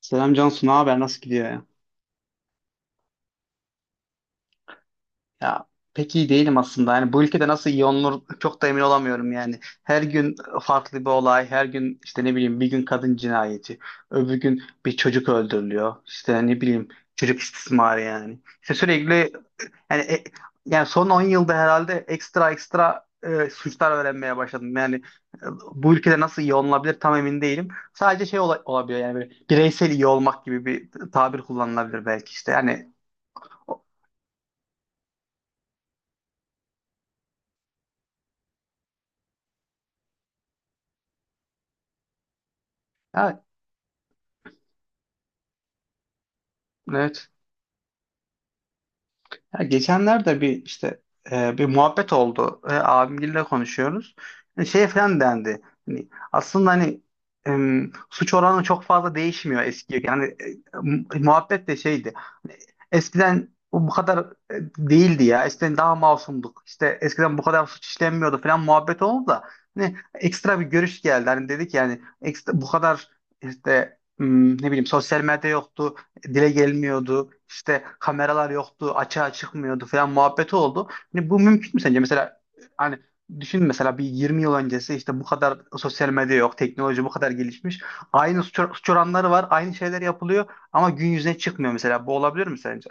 Selam Cansu, ne haber? Nasıl gidiyor ya? Ya pek iyi değilim aslında. Yani bu ülkede nasıl iyi olunur çok da emin olamıyorum yani. Her gün farklı bir olay, her gün işte ne bileyim bir gün kadın cinayeti, öbür gün bir çocuk öldürülüyor. İşte ne bileyim çocuk istismarı yani. İşte sürekli yani yani son 10 yılda herhalde ekstra ekstra suçlar öğrenmeye başladım. Yani e, bu ülkede nasıl iyi olunabilir tam emin değilim. Sadece şey olabiliyor yani böyle bireysel iyi olmak gibi bir tabir kullanılabilir belki işte. Yani evet. Ya geçenlerde bir işte bir muhabbet oldu. Abimgille konuşuyoruz. Şey falan dendi. Hani aslında hani suç oranı çok fazla değişmiyor eskiye. Yani muhabbet de şeydi. Hani eskiden bu kadar e, değildi ya. Eskiden daha masumduk. İşte eskiden bu kadar suç işlenmiyordu falan muhabbet oldu da hani ekstra bir görüş geldi. Hani dedik yani ekstra, bu kadar işte ne bileyim sosyal medya yoktu dile gelmiyordu. İşte kameralar yoktu, açığa çıkmıyordu falan muhabbeti oldu. Hani bu mümkün mü sence? Mesela hani düşün mesela bir 20 yıl öncesi işte bu kadar sosyal medya yok, teknoloji bu kadar gelişmiş. Aynı suç, suç oranları var, aynı şeyler yapılıyor ama gün yüzüne çıkmıyor mesela. Bu olabilir mi sence?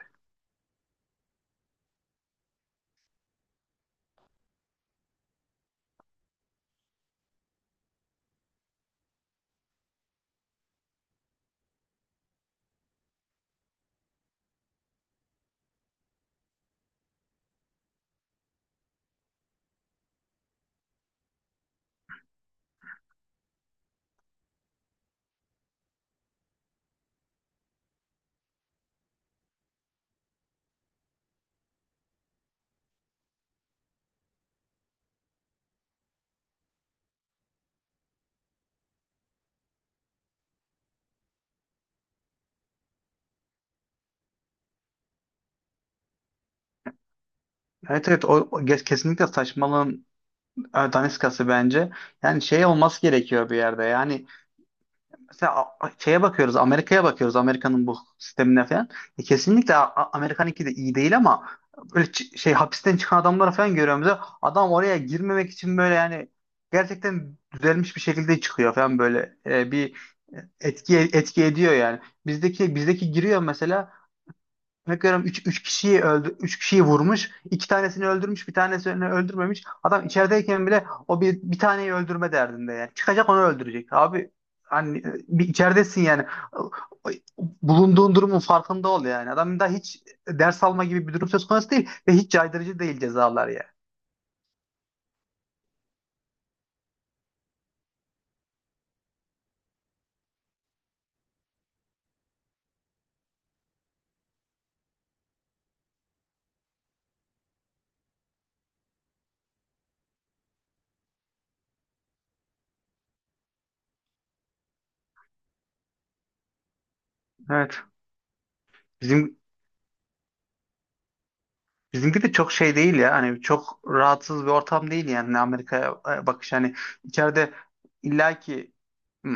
Evet, evet, kesinlikle saçmalığın daniskası bence. Yani şey olması gerekiyor bir yerde. Yani mesela şeye bakıyoruz, Amerika'ya bakıyoruz, Amerika'nın bu sistemine falan. Kesinlikle Amerika'nınki de iyi değil ama böyle şey hapisten çıkan adamları falan görüyoruz. Ya, adam oraya girmemek için böyle yani gerçekten düzelmiş bir şekilde çıkıyor falan böyle bir etki ediyor yani. Bizdeki giriyor mesela. Bakıyorum üç kişiyi öldü 3 kişiyi vurmuş. İki tanesini öldürmüş, bir tanesini öldürmemiş. Adam içerideyken bile o bir taneyi öldürme derdinde yani. Çıkacak onu öldürecek. Abi hani bir içeridesin yani. Bulunduğun durumun farkında ol yani. Adam da hiç ders alma gibi bir durum söz konusu değil ve hiç caydırıcı değil cezalar ya. Evet. Bizim Bizimki de çok şey değil ya. Hani çok rahatsız bir ortam değil yani Amerika'ya bakış hani içeride illaki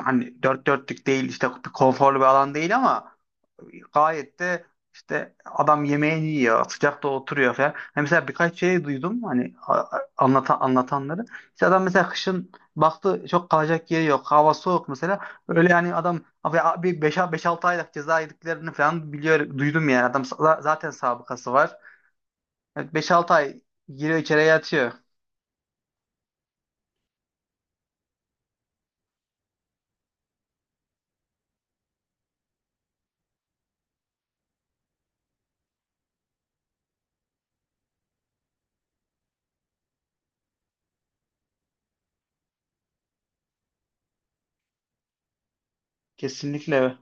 hani dört dörtlük değil işte bir konforlu bir alan değil ama gayet de işte adam yemeğini yiyor, sıcakta oturuyor falan. Hani mesela birkaç şey duydum hani anlatanları. İşte adam mesela kışın baktı çok kalacak yeri yok, hava soğuk mesela. Öyle yani adam abi bir 5-6 aylık ceza yediklerini falan biliyor duydum yani adam zaten sabıkası var. Evet, 5-6 ay giriyor içeriye yatıyor. Kesinlikle.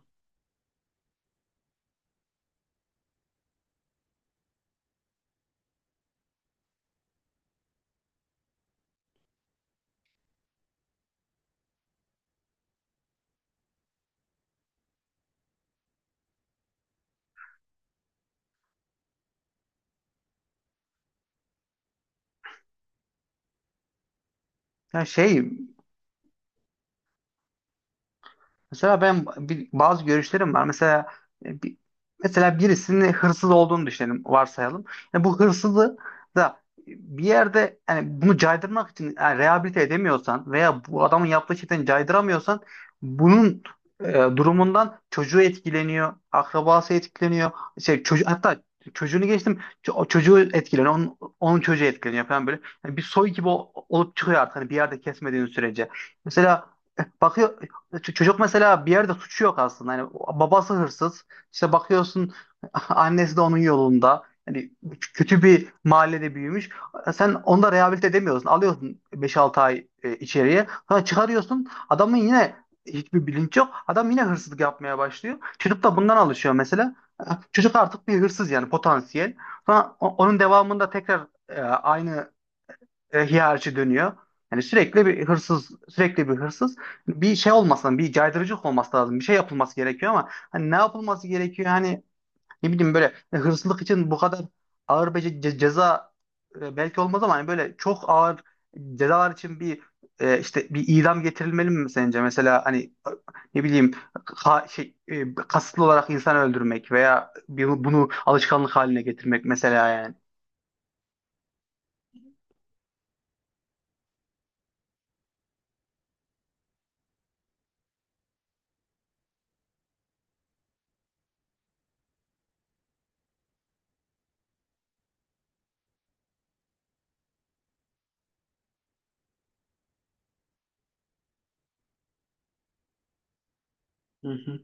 Yani şey, mesela ben bir, bazı görüşlerim var. Mesela e, bir, mesela birisinin hırsız olduğunu düşünelim, varsayalım. Yani bu hırsızı da bir yerde yani bunu caydırmak için yani rehabilite edemiyorsan veya bu adamın yaptığı şeyden caydıramıyorsan bunun durumundan çocuğu etkileniyor, akrabası etkileniyor. Şey, çocuğu, hatta çocuğunu geçtim o çocuğu etkileniyor, onun, onun çocuğu etkileniyor falan böyle. Yani bir soy gibi olup çıkıyor artık hani bir yerde kesmediğin sürece. Mesela bakıyor çocuk mesela bir yerde suçu yok aslında. Hani babası hırsız. İşte bakıyorsun annesi de onun yolunda. Hani kötü bir mahallede büyümüş. Sen onu da rehabilite edemiyorsun. Alıyorsun 5-6 ay içeriye. Sonra çıkarıyorsun. Adamın yine hiçbir bilinç yok. Adam yine hırsızlık yapmaya başlıyor. Çocuk da bundan alışıyor mesela. Çocuk artık bir hırsız yani potansiyel. Sonra onun devamında tekrar aynı hiyerarşi dönüyor. Yani sürekli bir hırsız, sürekli bir hırsız. Bir şey olmasın, bir caydırıcılık olması lazım. Bir şey yapılması gerekiyor ama hani ne yapılması gerekiyor? Hani ne bileyim böyle hırsızlık için bu kadar ağır bir ceza belki olmaz ama hani böyle çok ağır cezalar için bir işte bir idam getirilmeli mi sence? Mesela hani e, ne bileyim şey, kasıtlı olarak insan öldürmek veya bunu alışkanlık haline getirmek mesela yani. Hı hı.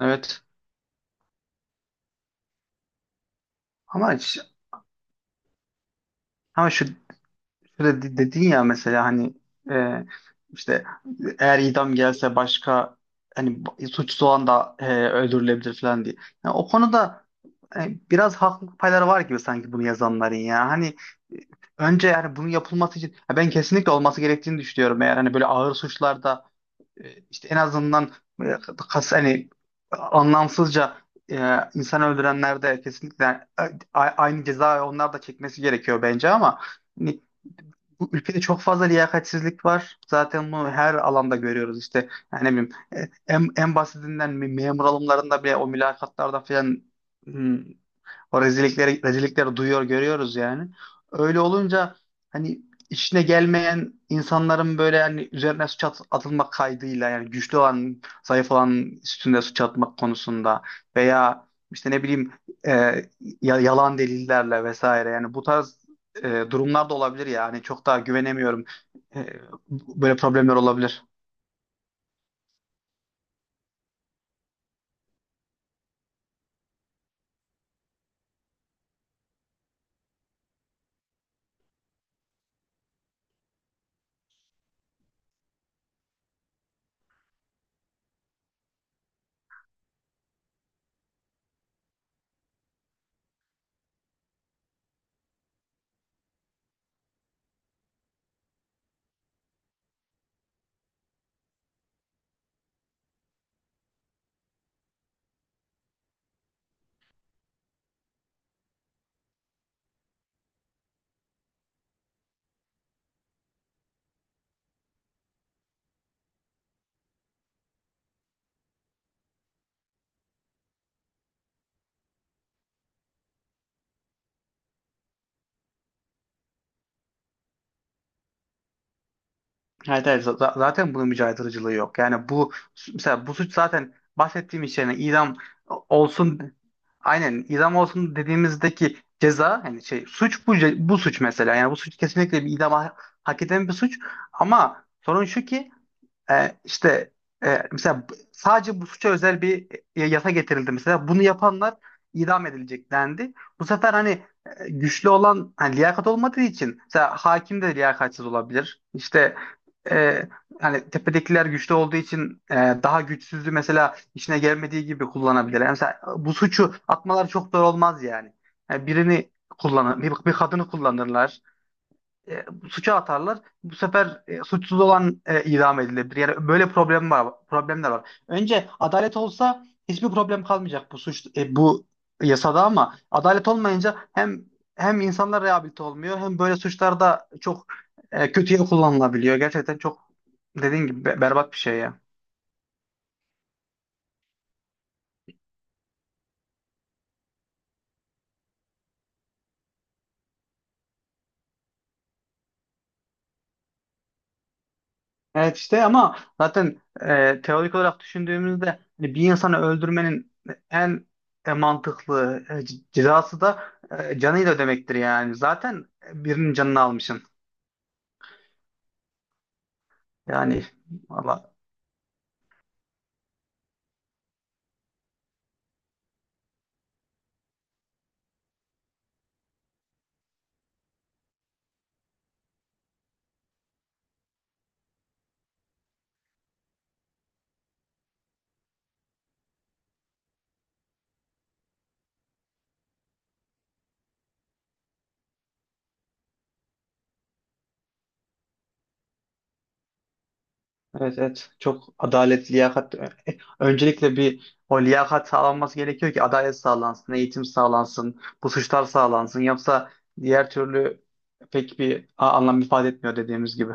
Evet. Ama ş- ama şu, şöyle dedin ya mesela hani e, işte eğer idam gelse başka hani suçsuz olan da öldürülebilir falan diye. Yani o konuda e, biraz haklılık payları var gibi sanki bunu yazanların ya. Hani e, önce yani bunun yapılması için ya ben kesinlikle olması gerektiğini düşünüyorum. Eğer hani böyle ağır suçlarda en azından e, kas hani anlamsızca insan öldürenler de kesinlikle aynı cezayı onlar da çekmesi gerekiyor bence ama hani bu ülkede çok fazla liyakatsizlik var. Zaten bunu her alanda görüyoruz işte. Yani ne bileyim e, en basitinden memur alımlarında bile o mülakatlarda falan hmm, o rezillikleri duyuyor, görüyoruz yani. Öyle olunca hani işine gelmeyen insanların böyle hani üzerine suç atılmak kaydıyla yani güçlü olan, zayıf olanın üstünde suç atmak konusunda veya işte ne bileyim e, yalan delillerle vesaire yani bu tarz durumlar da olabilir yani çok daha güvenemiyorum. E, Böyle problemler olabilir. Evet, evet. Zaten bunun mücadeleciliği yok. Yani bu mesela bu suç zaten bahsettiğim iş yani idam olsun, aynen idam olsun dediğimizdeki ceza hani şey suç bu bu suç mesela. Yani bu suç kesinlikle bir idam hak eden bir suç ama sorun şu ki e, işte mesela sadece bu suça özel bir yasa getirildi mesela. Bunu yapanlar idam edilecek dendi. Bu sefer hani güçlü olan hani liyakat olmadığı için mesela hakim de liyakatsiz olabilir. İşte e, hani tepedekiler güçlü olduğu için daha güçsüzü mesela işine gelmediği gibi kullanabilir. Yani mesela bu suçu atmaları çok zor olmaz yani. Yani birini kullanır, bir kadını kullanırlar e, suça atarlar. Bu sefer suçsuz olan idam edilebilir. Yani böyle problem var, problemler var. Önce adalet olsa hiçbir problem kalmayacak bu suç bu yasada ama adalet olmayınca hem insanlar rehabilite olmuyor hem böyle suçlarda çok kötüye kullanılabiliyor. Gerçekten çok dediğin gibi berbat bir şey ya. Evet işte ama zaten teorik olarak düşündüğümüzde hani bir insanı öldürmenin en mantıklı cezası da canıyla ödemektir yani. Zaten birinin canını almışsın. Yani valla evet, evet, çok adalet, liyakat. Öncelikle bir o liyakat sağlanması gerekiyor ki adalet sağlansın, eğitim sağlansın, bu suçlar sağlansın. Yoksa diğer türlü pek bir anlam ifade etmiyor dediğimiz gibi.